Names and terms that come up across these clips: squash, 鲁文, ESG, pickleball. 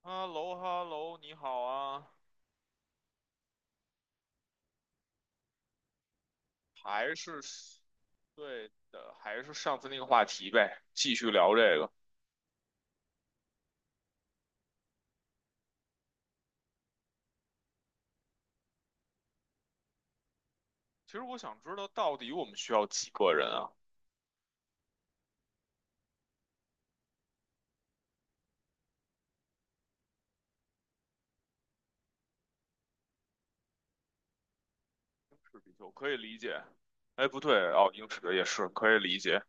哈喽哈喽，你好啊，还是对的，还是上次那个话题呗，继续聊这个。其实我想知道，到底我们需要几个人啊？英尺比丘可以理解，哎，不对哦，英尺也是可以理解。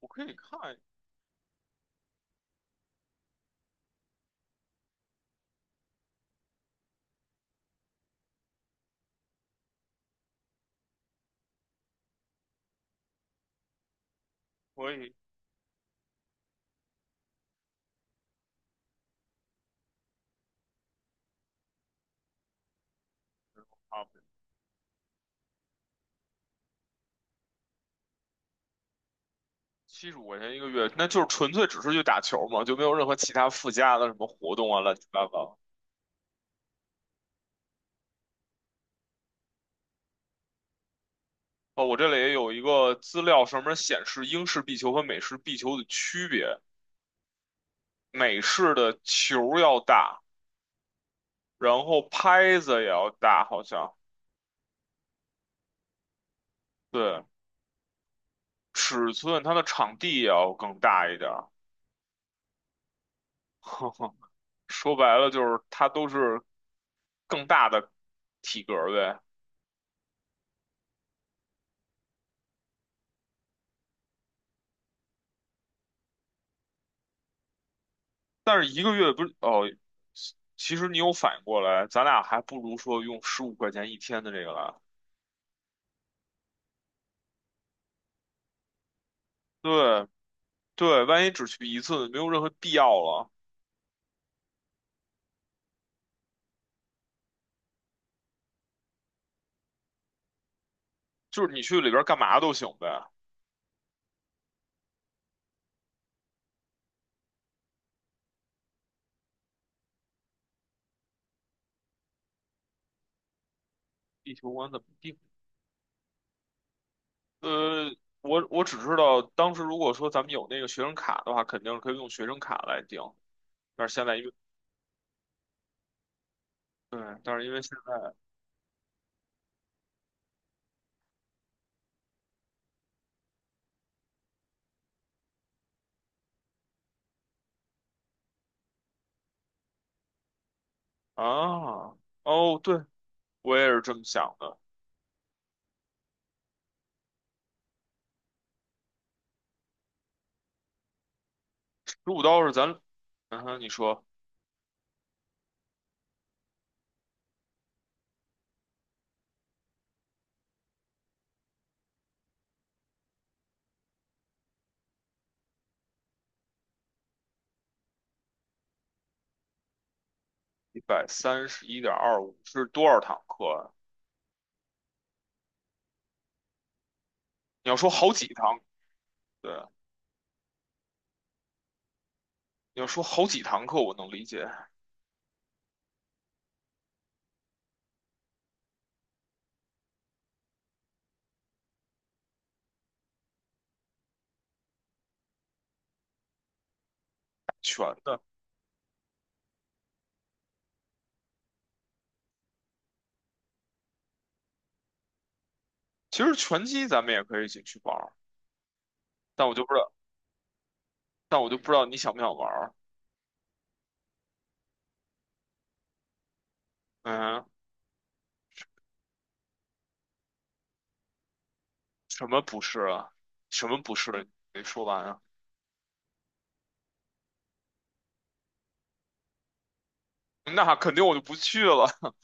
我可以看，可以啊，75块钱一个月，那就是纯粹只是去打球嘛，就没有任何其他附加的什么活动啊，乱七八糟。哦，我这里也有一个资料，上面显示英式壁球和美式壁球的区别。美式的球要大，然后拍子也要大，好像对，尺寸它的场地也要更大一点儿。说白了就是它都是更大的体格儿呗。但是一个月不是哦，其实你有反应过来，咱俩还不如说用十五块钱一天的这个来。对对，万一只去一次，没有任何必要了，就是你去里边儿干嘛都行呗。地球馆怎么定？呃，我只知道当时如果说咱们有那个学生卡的话，肯定是可以用学生卡来订，但是现在因为对，但是因为现在啊，哦，对，我也是这么想的。如果倒是咱，嗯哼你说131.25是多少堂课啊？你要说好几堂，对，你要说好几堂课，我能理解全的。其实拳击咱们也可以一起去玩儿但我就不知道，但我就不知道你想不想玩儿嗯，什么不是啊？什么不是？没说完啊。那肯定我就不去了，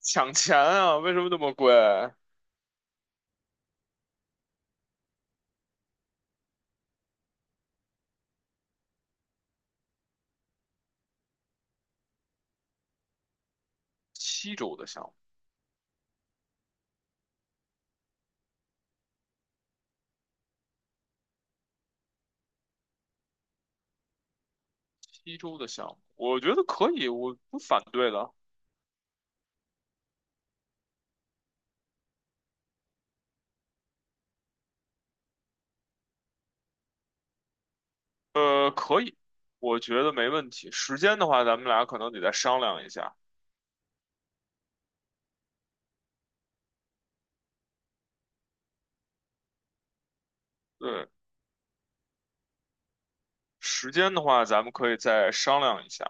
抢钱啊！为什么那么贵？七周的项目，七周的项目，我觉得可以，我不反对的。可以，我觉得没问题。时间的话，咱们俩可能得再商量一下。对，时间的话，咱们可以再商量一下。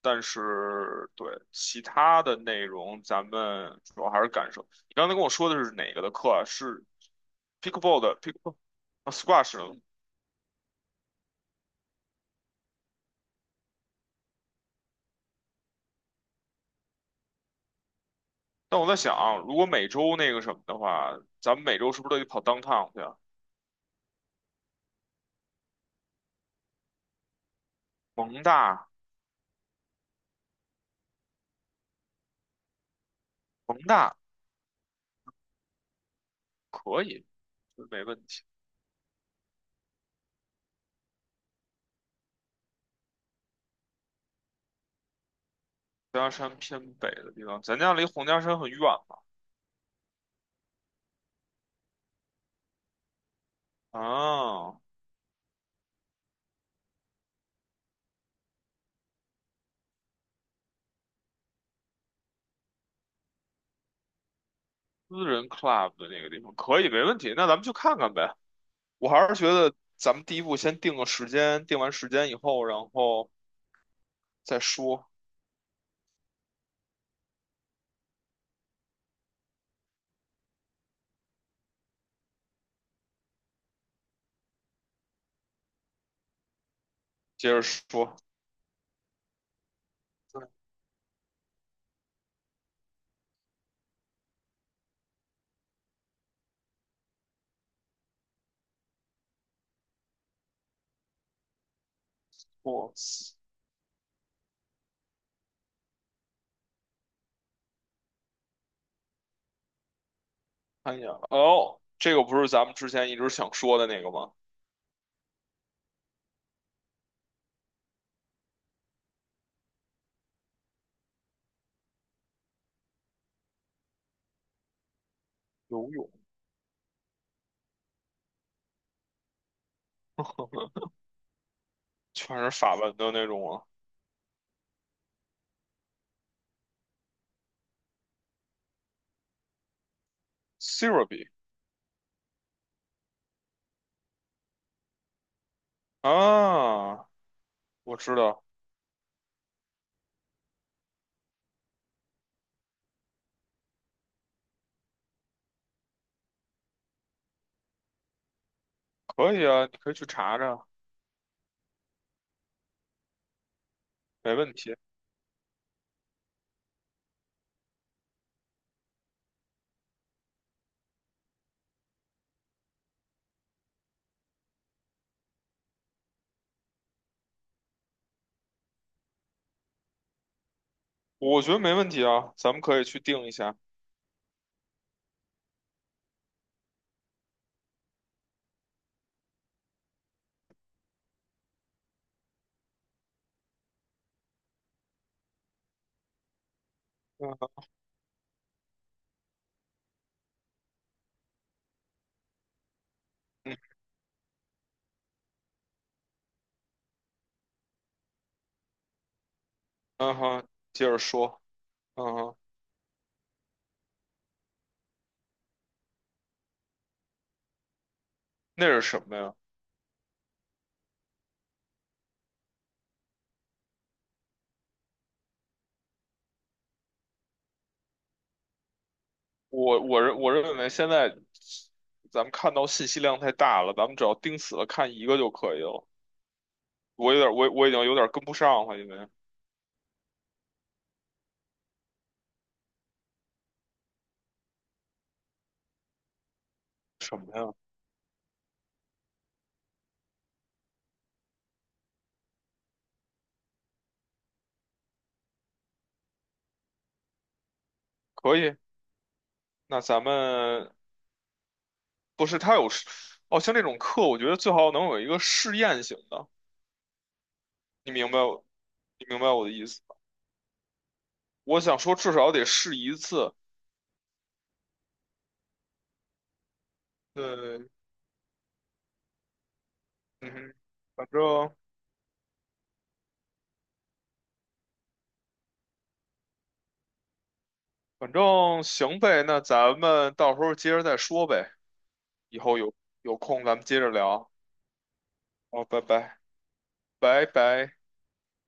但是，对，其他的内容，咱们主要还是感受。你刚才跟我说的是哪个的课啊？是 pickleball 的 pickleball 啊 squash 但我在想，如果每周那个什么的话，咱们每周是不是都得跑 downtown 去啊？蒙大，蒙大可以，这没问题。洪家山偏北的地方，咱家离洪家山很远嘛。啊，私人 club 的那个地方可以，没问题。那咱们去看看呗。我还是觉得咱们第一步先定个时间，定完时间以后，然后再说，接着说。对，我看一眼，哦，这个不是咱们之前一直想说的那个吗？游泳。全是法文的那种啊 CERABY 啊，我知道，可以啊，你可以去查查，没问题，我觉得没问题啊，咱们可以去定一下。嗯哼，嗯哼，接着说，嗯哼，那是什么呀？我认为现在咱们看到信息量太大了，咱们只要盯死了看一个就可以了。我已经有点跟不上了，因为什么呀？可以，那咱们不是他有，哦，像这种课，我觉得最好能有一个试验型的。你明白我，你明白我的意思吧？我想说，至少得试一次。对，嗯哼反正反正行呗，那咱们到时候接着再说呗。以后有空咱们接着聊。好，拜拜，拜拜。